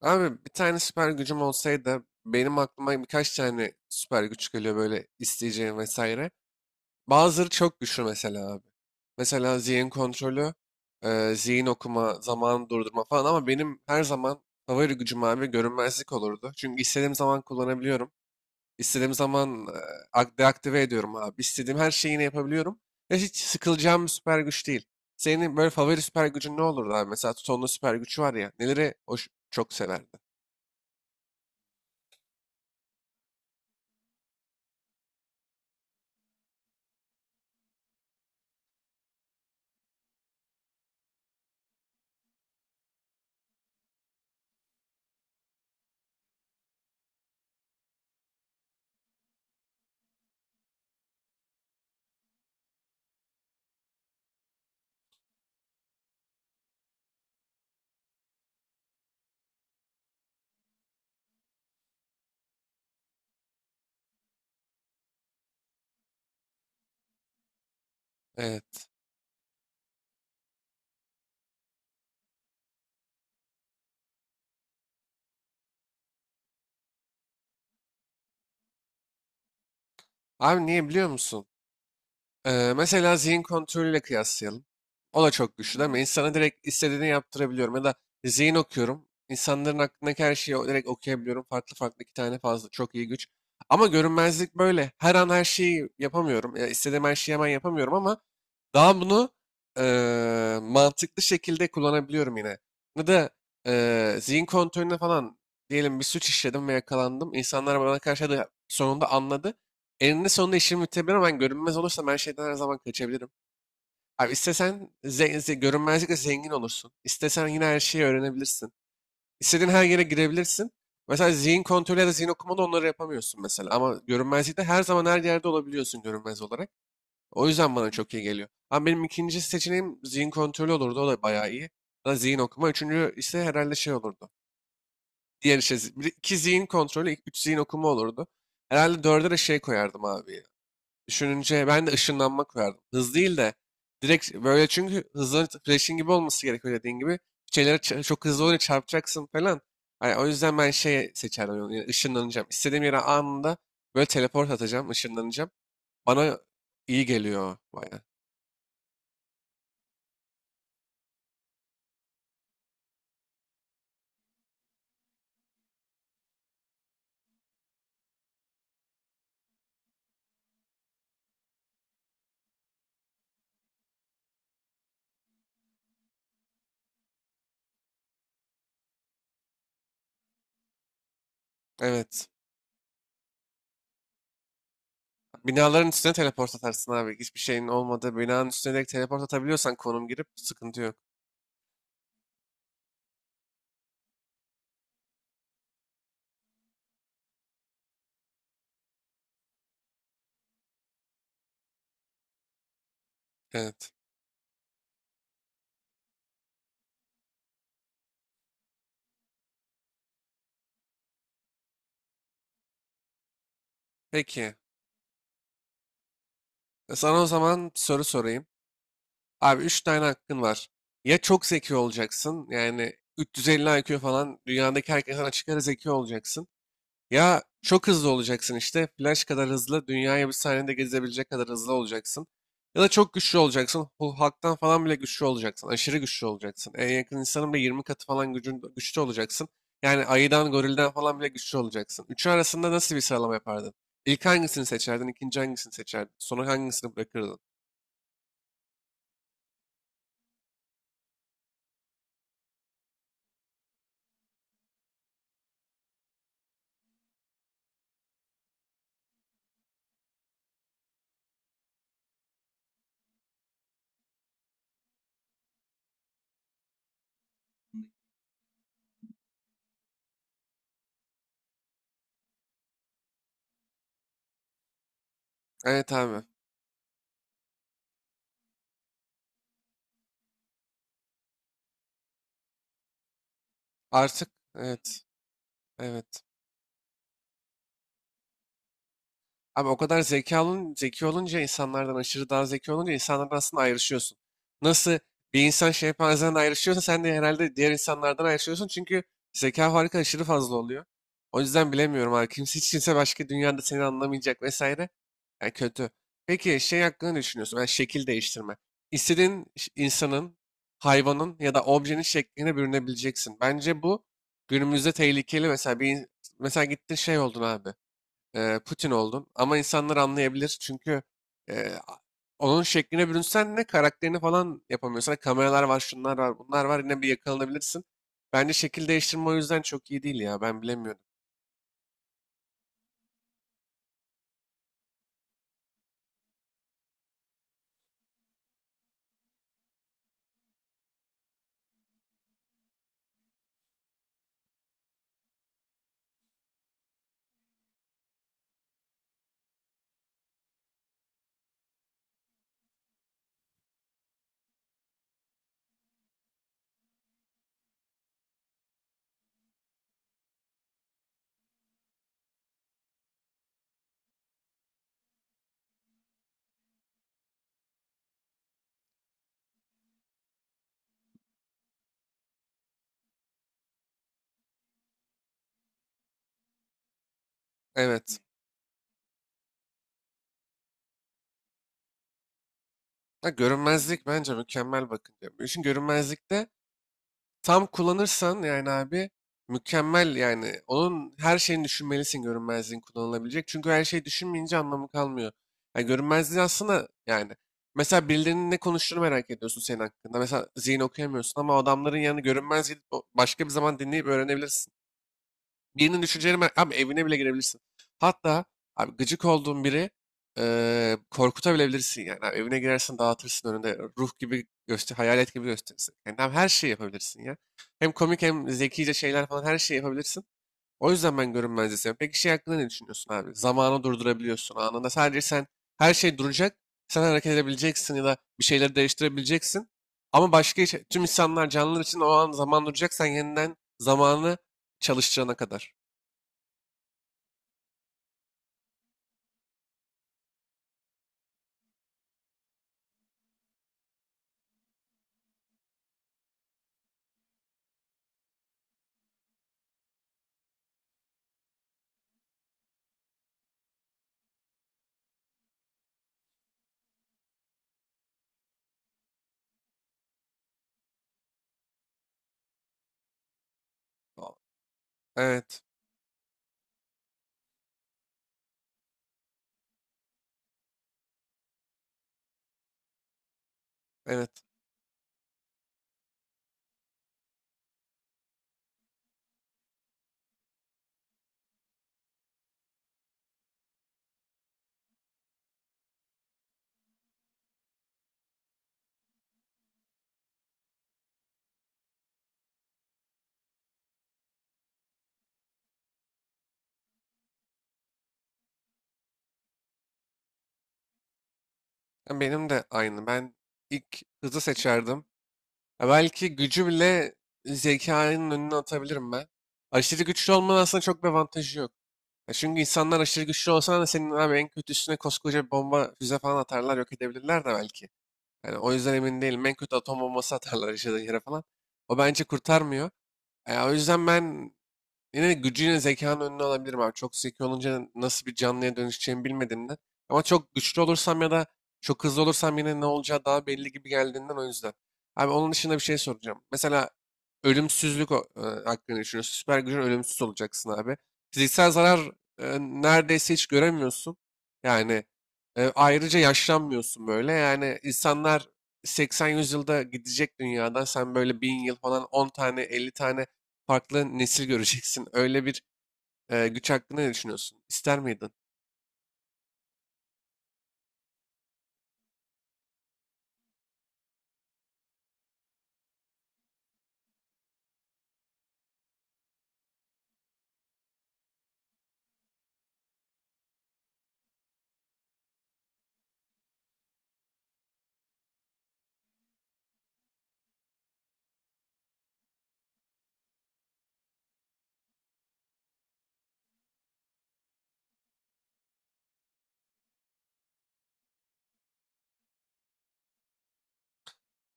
Abi bir tane süper gücüm olsaydı benim aklıma birkaç tane süper güç geliyor böyle isteyeceğim vesaire. Bazıları çok güçlü mesela abi. Mesela zihin kontrolü, zihin okuma, zaman durdurma falan ama benim her zaman favori gücüm abi görünmezlik olurdu. Çünkü istediğim zaman kullanabiliyorum. İstediğim zaman deaktive ediyorum abi. İstediğim her şeyi yine yapabiliyorum. Ve hiç sıkılacağım bir süper güç değil. Senin böyle favori süper gücün ne olurdu abi? Mesela Tuton'un süper gücü var ya. Neleri hoş, çok severdin? Evet. Abi niye biliyor musun? Mesela zihin kontrolüyle kıyaslayalım. O da çok güçlü değil mi? İnsana direkt istediğini yaptırabiliyorum. Ya da zihin okuyorum. İnsanların aklındaki her şeyi direkt okuyabiliyorum. Farklı farklı iki tane fazla. Çok iyi güç. Ama görünmezlik böyle. Her an her şeyi yapamıyorum. Ya istediğim her şeyi hemen yapamıyorum ama daha bunu mantıklı şekilde kullanabiliyorum yine. Ya da zihin kontrolüne falan diyelim, bir suç işledim ve yakalandım. İnsanlar bana karşı da sonunda anladı. Eninde sonunda işimi bitirebilir, ben görünmez olursam her şeyden her zaman kaçabilirim. Abi istesen görünmezlikle zengin olursun. İstesen yine her şeyi öğrenebilirsin. İstediğin her yere girebilirsin. Mesela zihin kontrolü ya da zihin okumada onları yapamıyorsun mesela. Ama görünmezlikte her zaman her yerde olabiliyorsun, görünmez olarak. O yüzden bana çok iyi geliyor. Ama benim ikinci seçeneğim zihin kontrolü olurdu. O da bayağı iyi. Ya da zihin okuma. Üçüncü ise herhalde şey olurdu. Diğer işte zi- bir- iki zihin kontrolü, ilk üç zihin okuma olurdu. Herhalde dörde de şey koyardım abi. Ya. Düşününce ben de ışınlanma koyardım. Hız değil de direkt böyle, çünkü hızlı Flash'in gibi olması gerekiyor dediğin gibi. Şeylere çok hızlı oluyor, çarpacaksın falan. Hani o yüzden ben şey seçerdim. Yani ışınlanacağım. İstediğim yere anında böyle teleport atacağım, ışınlanacağım. Bana iyi geliyor o bayağı. Evet. Binaların üstüne teleport atarsın abi. Hiçbir şeyin olmadığı binanın üstüne direkt teleport atabiliyorsan, konum girip, sıkıntı yok. Evet. Peki. Sana o zaman soru sorayım. Abi 3 tane hakkın var. Ya çok zeki olacaksın. Yani 350 IQ falan, dünyadaki herkesten açık ara zeki olacaksın. Ya çok hızlı olacaksın işte. Flash kadar hızlı. Dünyayı bir saniyede gezebilecek kadar hızlı olacaksın. Ya da çok güçlü olacaksın. Hulk'tan falan bile güçlü olacaksın. Aşırı güçlü olacaksın. En yakın insanın bile 20 katı falan gücün, güçlü olacaksın. Yani ayıdan, gorilden falan bile güçlü olacaksın. Üçü arasında nasıl bir sıralama yapardın? İlk hangisini seçerdin? İkinci hangisini seçerdin? Sonra hangisini bırakırdın? Evet abi. Artık evet. Evet. Abi o kadar zeki olun, zeki olunca insanlardan, aşırı daha zeki olunca insanlardan aslında ayrışıyorsun. Nasıl bir insan şempanzeden ayrışıyorsa sen de herhalde diğer insanlardan ayrışıyorsun. Çünkü zeka farkı aşırı fazla oluyor. O yüzden bilemiyorum abi. Kimse, hiç kimse başka dünyada seni anlamayacak vesaire. Yani kötü. Peki şey hakkında ne düşünüyorsun? Yani şekil değiştirme. İstediğin ş- insanın, hayvanın ya da objenin şekline bürünebileceksin. Bence bu günümüzde tehlikeli. Mesela bir mesela gittin şey oldun abi, Putin oldum. Ama insanlar anlayabilir, çünkü e, onun şekline bürünsen ne karakterini falan yapamıyorsun. Kameralar var, şunlar var, bunlar var. Yine bir yakalanabilirsin. Bence şekil değiştirme o yüzden çok iyi değil ya. Ben bilemiyorum. Evet. Ha, görünmezlik bence mükemmel, bakın diyorum. İşin görünmezlikte tam kullanırsan yani abi, mükemmel yani. Onun her şeyini düşünmelisin görünmezliğin kullanılabilecek. Çünkü her şeyi düşünmeyince anlamı kalmıyor. Yani görünmezliği aslında yani. Mesela birilerinin ne konuştuğunu merak ediyorsun senin hakkında. Mesela zihin okuyamıyorsun ama o adamların yanını görünmez gidip başka bir zaman dinleyip öğrenebilirsin. Birinin düşünceleri abi evine bile girebilirsin. Hatta abi, gıcık olduğun biri, korkutabilebilirsin yani. Abi evine girersin, dağıtırsın, önünde ruh gibi göster, hayalet gibi gösterirsin. Yani tam her şeyi yapabilirsin ya. Hem komik hem zekice şeyler falan, her şeyi yapabilirsin. O yüzden ben görünmezliği seviyorum. Peki şey hakkında ne düşünüyorsun abi? Zamanı durdurabiliyorsun anında. Sadece sen, her şey duracak. Sen hareket edebileceksin ya da bir şeyleri değiştirebileceksin. Ama başka tüm insanlar, canlılar için o an zaman duracak. Sen yeniden zamanı çalıştırana kadar. A- Evet, evet. Ya, benim de aynı. Ben ilk hızı seçerdim. Ya belki gücü bile zekanın önüne atabilirim ben. Aşırı güçlü olmanın aslında çok bir avantajı yok. Ya çünkü insanlar aşırı güçlü olsa da senin abi, en kötüsüne koskoca bir bomba, füze falan atarlar, yok edebilirler de belki. Yani o yüzden emin değilim. En kötü atom bombası atarlar yaşadığın yere falan. O bence kurtarmıyor. Ya o yüzden ben, yine gücüyle zekanın önüne alabilirim abi. Çok zeki olunca nasıl bir canlıya dönüşeceğimi bilmediğimden. Ama çok güçlü olursam ya da çok hızlı olursam yine ne olacağı daha belli gibi geldiğinden, o yüzden. Abi onun dışında bir şey soracağım. Mesela ölümsüzlük hakkında düşünüyorsun. Süper gücün, ölümsüz olacaksın abi. Fiziksel zarar neredeyse hiç göremiyorsun. Yani ayrıca yaşlanmıyorsun böyle. Yani insanlar 80-100 yılda gidecek dünyadan. Sen böyle 1.000 yıl falan, 10 tane, 50 tane farklı nesil göreceksin. Öyle bir güç hakkında ne düşünüyorsun? İster miydin?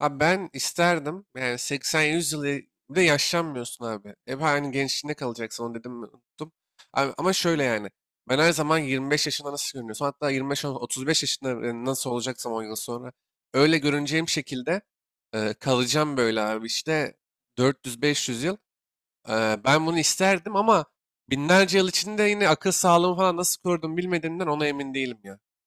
Abi ben isterdim. Yani 80-100 yıl bir de yaşlanmıyorsun abi. Hep aynı gençliğinde kalacaksın. Onu dedim mi, unuttum. Abi, ama şöyle yani. Ben her zaman 25 yaşında nasıl görünüyorsam, hatta 25-35 yaşında nasıl olacaksam 10 yıl sonra öyle görüneceğim şekilde kalacağım böyle abi, işte 400-500 yıl. Ben bunu isterdim ama binlerce yıl içinde yine akıl sağlığımı falan nasıl korudum bilmediğimden ona emin değilim ya.